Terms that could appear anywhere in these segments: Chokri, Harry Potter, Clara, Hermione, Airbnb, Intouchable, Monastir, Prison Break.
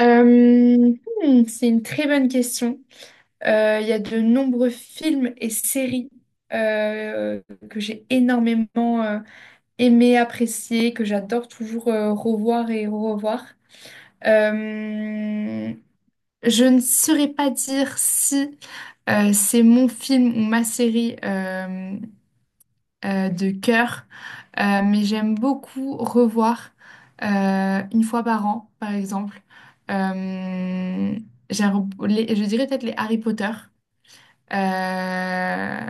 Euh, hmm, c'est une très bonne question. Il y a de nombreux films et séries euh, que j'ai énormément aimé, apprécié, que j'adore toujours revoir et revoir. Euh, je ne saurais pas dire si c'est mon film ou ma série de cœur. Mais j'aime beaucoup revoir une fois par an, par exemple. Euh, j'aime je dirais peut-être les Harry Potter. Euh,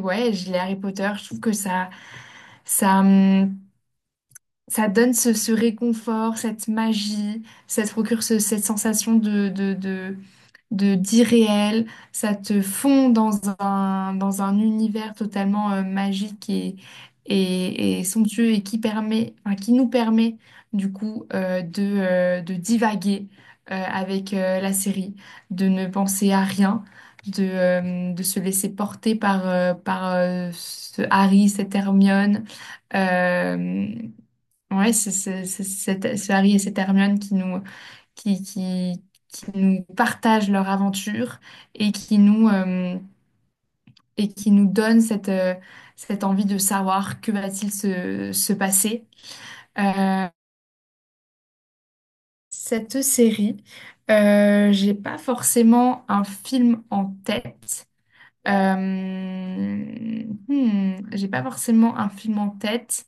ouais, j'ai les Harry Potter, je trouve que ça ça donne ce réconfort, cette magie, ça te procure cette sensation de, de, de d'irréel, ça te fond dans dans un univers totalement magique et, et somptueux et qui permet, enfin, qui nous permet du coup de divaguer avec la série, de ne penser à rien, de se laisser porter par ce Harry, cette Hermione. euh, ouais, ce Harry et cette Hermione qui nous qui, qui, qui nous partagent leur aventure et qui et qui nous donnent cette envie de savoir que va-t-il se passer. Euh, cette série, j'ai pas forcément un film en tête. J'ai pas forcément un film en tête.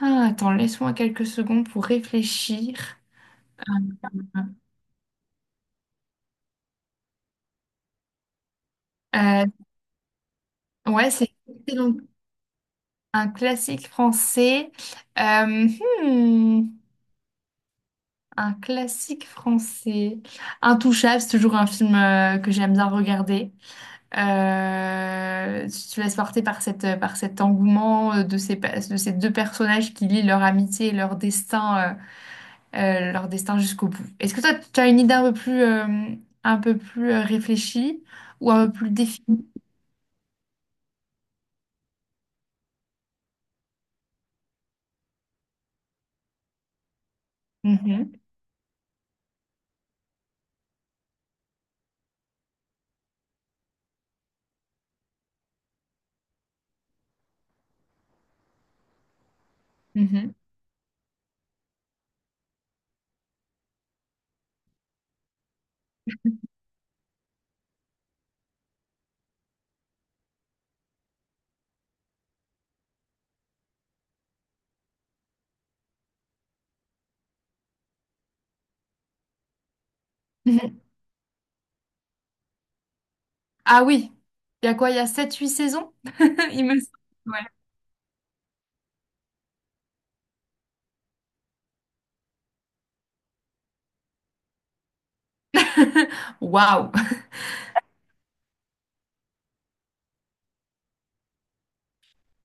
Ah, attends, laisse-moi quelques secondes pour réfléchir. Euh, ouais, c'est une excellente. Un classique français. Euh, hmm, un classique français. Intouchable, c'est toujours un film que j'aime bien regarder. Tu te laisses porter par cette, par cet engouement de ces, de ces deux personnages qui lient leur amitié et leur destin jusqu'au bout. Est-ce que toi, tu as une idée un peu plus réfléchie ou un peu plus définie? Mhm, mhm, mhm. Ah oui, il y a quoi? Il y a sept huit saisons? Il me semble. Ouais. Waouh,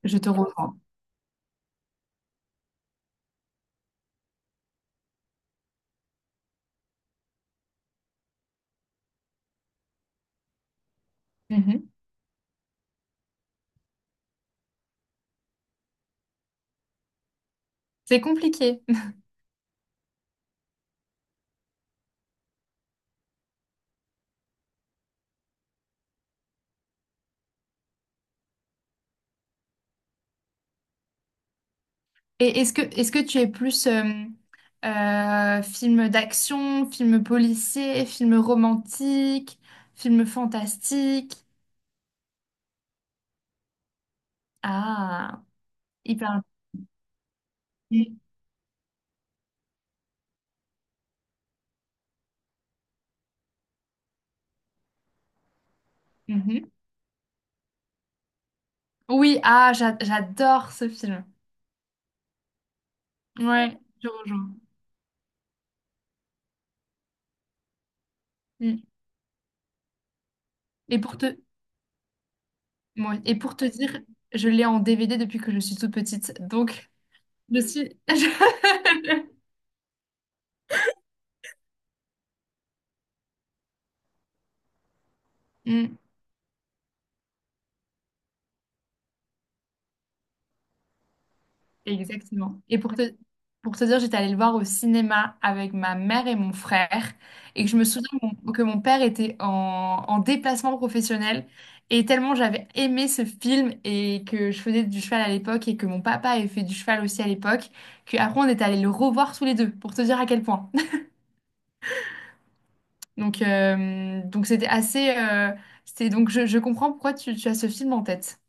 je te rejoins. Mhm. C'est compliqué. Et est-ce que tu es plus film d'action, film policier, film romantique, film fantastique? Ah, hyper intéressant. Mhm. Oui, ah, j'adore ce film. Ouais, je rejoins. Mm. Et pour te, et pour te dire, je l'ai en DVD depuis que je suis toute petite. Donc, je suis... Mm. Exactement. Pour te dire, j'étais allée le voir au cinéma avec ma mère et mon frère. Et que je me souviens que que mon père était en déplacement professionnel. Et tellement j'avais aimé ce film et que je faisais du cheval à l'époque et que mon papa avait fait du cheval aussi à l'époque, qu'après on est allé le revoir tous les deux pour te dire à quel point. Donc c'était assez. C'était, donc je comprends pourquoi tu as ce film en tête.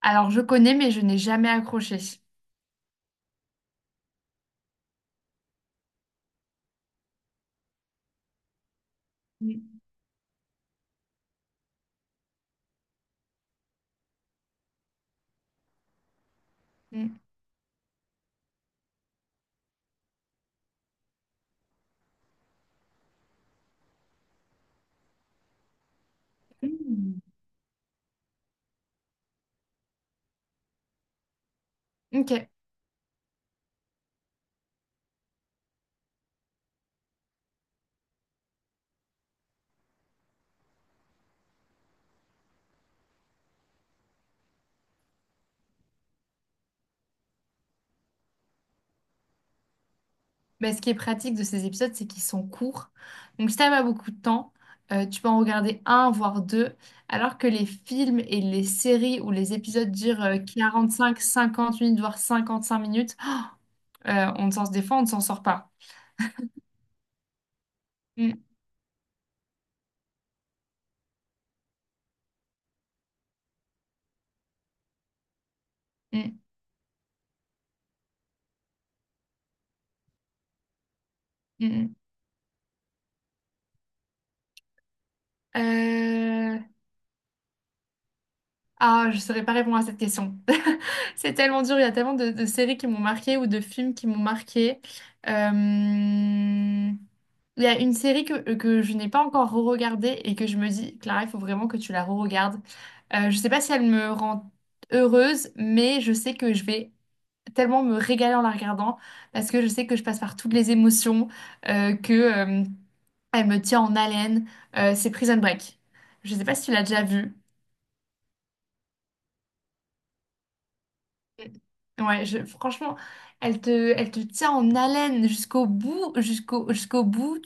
Alors je connais, mais je n'ai jamais accroché. Mm. Mm. Mm. Ok. Ben, ce qui est pratique de ces épisodes, c'est qu'ils sont courts. Donc, si t'as pas beaucoup de temps, tu peux en regarder un, voire deux. Alors que les films et les séries ou les épisodes durent cinq cinquante minutes, voire 55 minutes, on ne s'en des fois, on ne s'en sort pas. Mm, mm, mm. Euh, Ah, je ne saurais pas répondre à cette question. C'est tellement dur. Il y a tellement de séries qui m'ont marqué ou de films qui m'ont marqué. Euh, Il y a une série que je n'ai pas encore re-regardée et que je me dis, Clara, il faut vraiment que tu la re-regardes. Je sais pas si elle me rend heureuse, mais je sais que je vais tellement me régaler en la regardant parce que je sais que je passe par toutes les émotions, euh, que, euh, elle me tient en haleine. C'est Prison Break. Je sais pas si tu l'as déjà vue. Ouais, franchement, elle elle te tient en haleine jusqu'au bout, jusqu'au bout.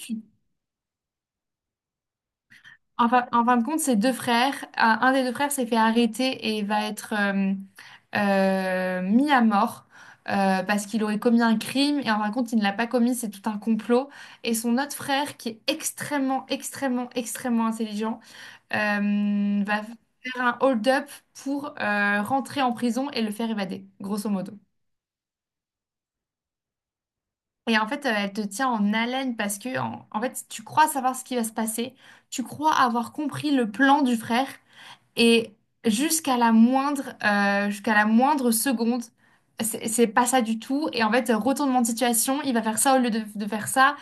En fin de compte, c'est deux frères. Un des deux frères s'est fait arrêter et va être mis à mort parce qu'il aurait commis un crime. Et en fin de compte, il ne l'a pas commis, c'est tout un complot. Et son autre frère, qui est extrêmement, extrêmement, extrêmement intelligent, va faire un hold-up pour rentrer en prison et le faire évader, grosso modo. Et en fait, elle te tient en haleine parce que, en fait, tu crois savoir ce qui va se passer, tu crois avoir compris le plan du frère. Et jusqu'à la moindre seconde, c'est pas ça du tout. Et en fait, retournement de situation, il va faire ça au lieu de faire ça.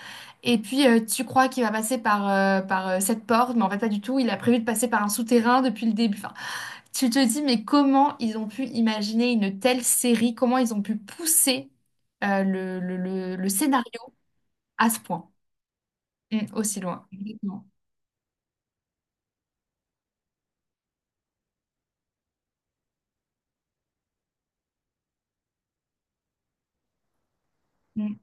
Et puis, tu crois qu'il va passer par cette porte, mais en fait, pas du tout. Il a prévu de passer par un souterrain depuis le début. Enfin, tu te dis, mais comment ils ont pu imaginer une telle série? Comment ils ont pu pousser le scénario à ce point. Mm, aussi loin. Exactement. Mm.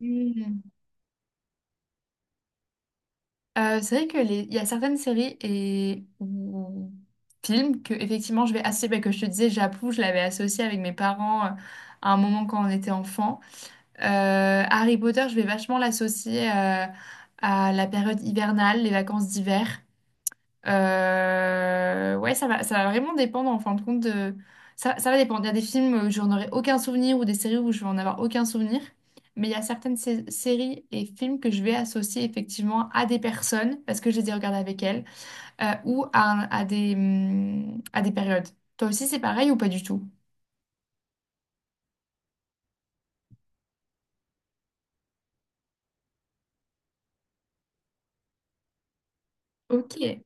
Mm. C'est vrai que les... il y a certaines séries et ou films que effectivement je vais associer, bah, que je te disais, J'appuie, je l'avais associé avec mes parents à un moment quand on était enfant. Harry Potter, je vais vachement l'associer à la période hivernale, les vacances d'hiver. Ouais, ça va vraiment dépendre en fin de compte de... ça va dépendre. Il y a des films où j'en aurai aucun souvenir ou des séries où je vais en avoir aucun souvenir. Mais il y a certaines séries et films que je vais associer effectivement à des personnes parce que je les ai regardées avec elles ou à, à des périodes. Toi aussi, c'est pareil ou pas du tout? Ok.